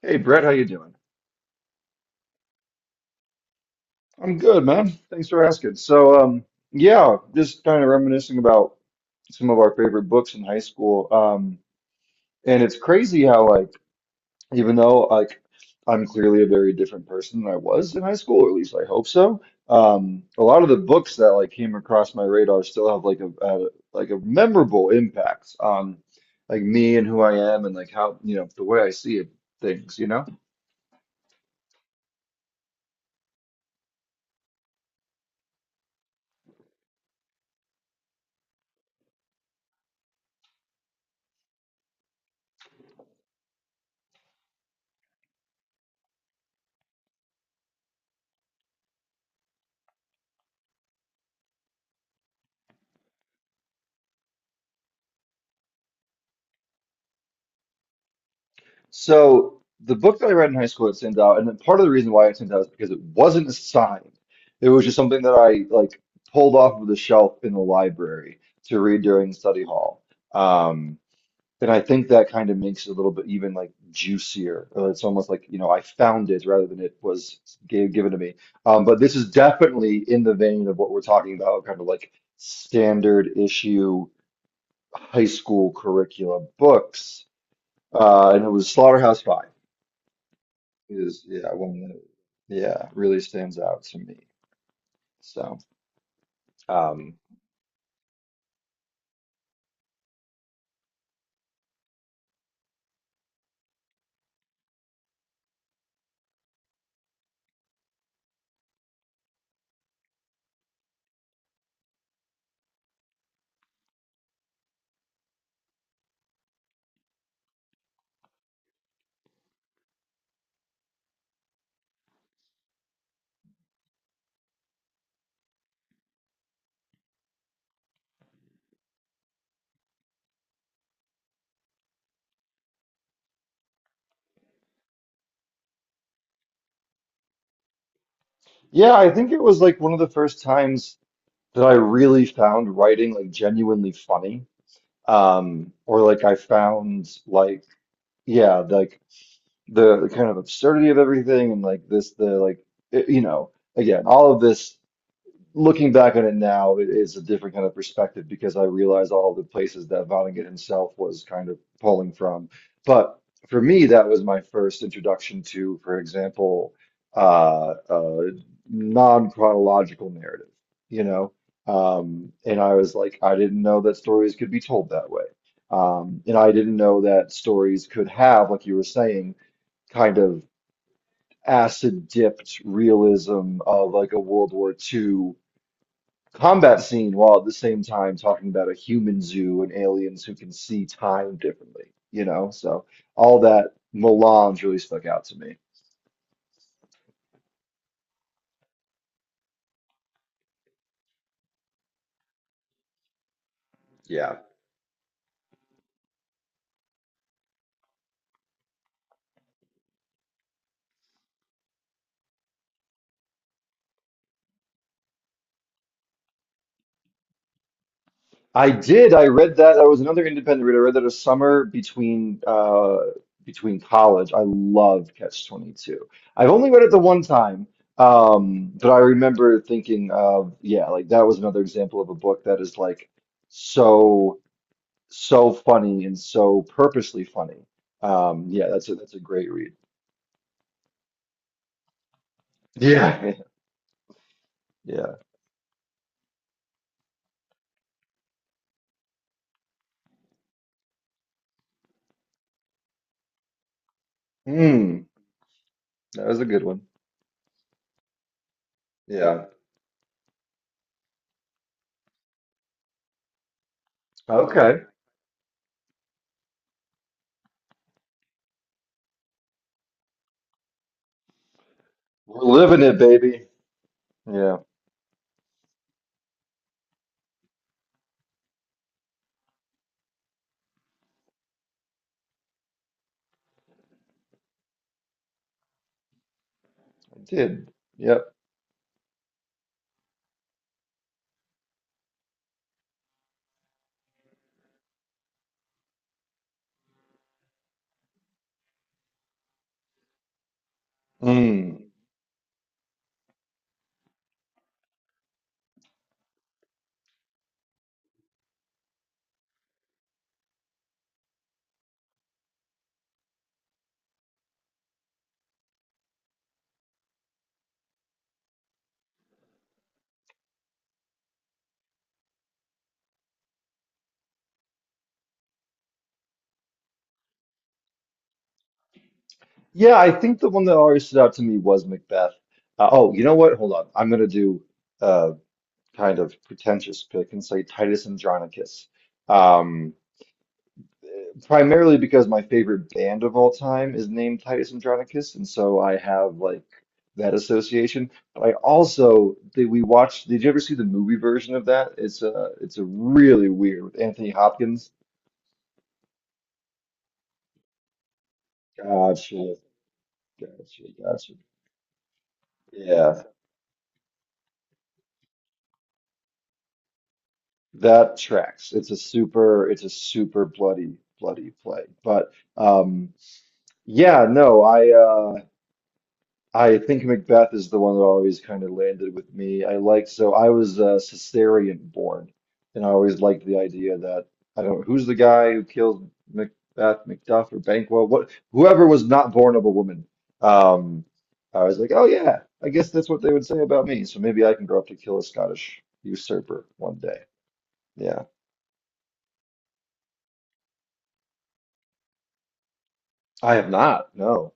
Hey Brett, how you doing? I'm good, man. Thanks for asking. Yeah, just kind of reminiscing about some of our favorite books in high school. And it's crazy how like even though like I'm clearly a very different person than I was in high school, or at least I hope so. A lot of the books that like came across my radar still have like a memorable impact on like me and who I am and like how, you know, the way I see things, you know? So the book that I read in high school, it sent out, and then part of the reason why it sent out is because it wasn't assigned. It was just something that I like pulled off of the shelf in the library to read during study hall. Um, and I think that kind of makes it a little bit even like juicier. It's almost like, you know, I found it rather than it was given to me. But this is definitely in the vein of what we're talking about, kind of like standard issue high school curriculum books. And it was Slaughterhouse-Five is, yeah, one that yeah really stands out to me. So um yeah, I think it was like one of the first times that I really found writing like genuinely funny. Or like I found like yeah, like the kind of absurdity of everything and like this the like it- you know again, all of this, looking back on it now, it is a different kind of perspective because I realize all the places that Vonnegut himself was kind of pulling from. But for me, that was my first introduction to, for example, uh, uh, non-chronological narrative, you know? And I was like, I didn't know that stories could be told that way. And I didn't know that stories could have, like you were saying, kind of acid-dipped realism of like a World War II combat scene while at the same time talking about a human zoo and aliens who can see time differently, you know? So all that melange really stuck out to me. Yeah. I did. I read that. I was another independent reader. I read that a summer between between college. I loved Catch 22. I've only read it the one time. But I remember thinking of, yeah, like that was another example of a book that is like so so funny and so purposely funny. Yeah, that's a great read. Yeah, yeah. Mm, that was a good one. Yeah. Okay. We're living it, baby. Yeah, I did. Yep. Mm. Yeah, I think the one that always stood out to me was Macbeth. Oh, you know what? Hold on. I'm gonna do a kind of pretentious pick and say Titus Andronicus. Um, Primarily because my favorite band of all time is named Titus Andronicus, and so I have like that association. But I also did we watched, did you ever see the movie version of that? It's a really weird with Anthony Hopkins. Gotcha, gotcha, gotcha. Yeah, that tracks. It's a super bloody, bloody play. But yeah, no, I think Macbeth is the one that always kind of landed with me. I liked, so I was Caesarean born, and I always liked the idea that I don't who's the guy who killed Macbeth, Macduff, or Banquo, what whoever was not born of a woman. Um, I was like, oh yeah, I guess that's what they would say about me. So maybe I can grow up to kill a Scottish usurper one day. Yeah, I have not. No,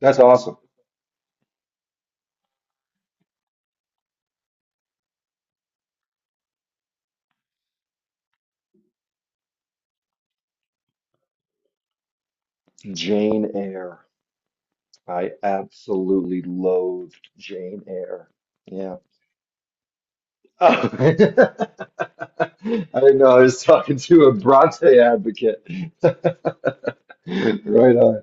that's awesome. Jane Eyre. I absolutely loathed Jane Eyre. Yeah. Oh, I didn't know I was talking to a Bronte advocate. Right on.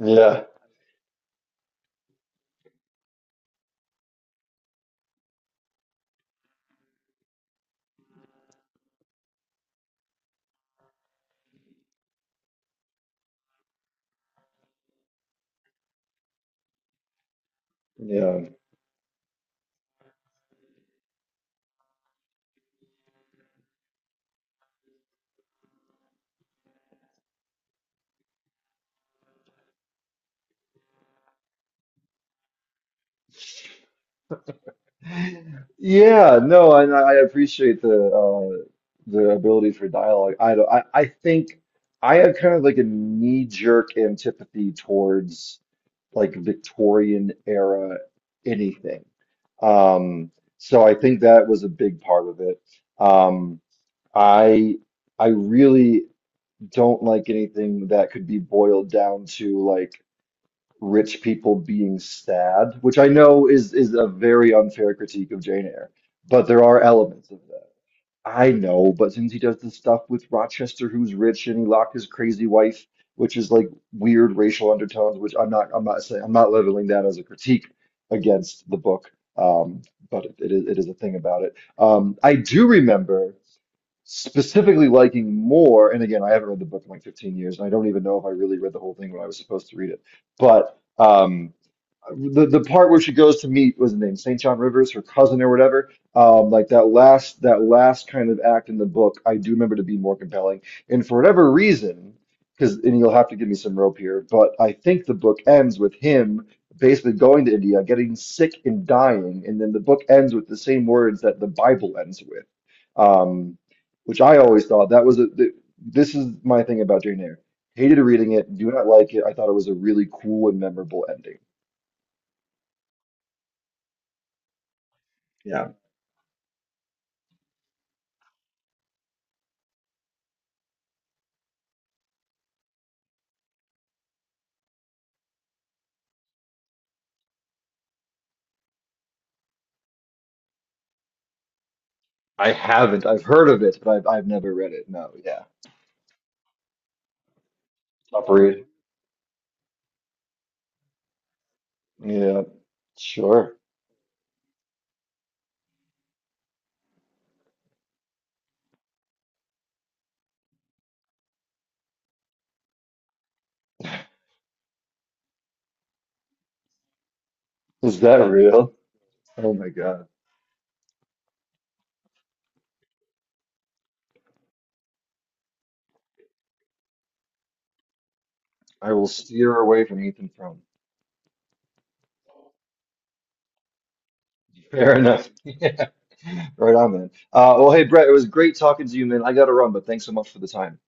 Yeah. Yeah. Yeah, no, and I appreciate the ability for dialogue. I don't I think I have kind of like a knee-jerk antipathy towards like Victorian era anything. Um, so I think that was a big part of it. Um, I I really don't like anything that could be boiled down to like rich people being sad, which I know is a very unfair critique of Jane Eyre, but there are elements of that. I know, but since he does this stuff with Rochester, who's rich, and he locked his crazy wife, which is like weird racial undertones, which I'm not saying, I'm not leveling that as a critique against the book, um, but it is a thing about it. I do remember specifically liking more, and again, I haven't read the book in like 15 years, and I don't even know if I really read the whole thing when I was supposed to read it. But the part where she goes to meet was the name St. John Rivers, her cousin or whatever. Like that last kind of act in the book, I do remember to be more compelling. And for whatever reason, because and you'll have to give me some rope here, but I think the book ends with him basically going to India, getting sick and dying, and then the book ends with the same words that the Bible ends with, um, which I always thought that was this is my thing about Jane Eyre. Hated reading it, do not like it. I thought it was a really cool and memorable ending. Yeah. I haven't. I've heard of it, but I've never read it. No, yeah. Top read. Yeah, sure. Is that real? Oh my God. I will steer away from Ethan Frome. Fair enough. Yeah. Right on, man. Well, hey, Brett, it was great talking to you, man. I gotta run, but thanks so much for the time.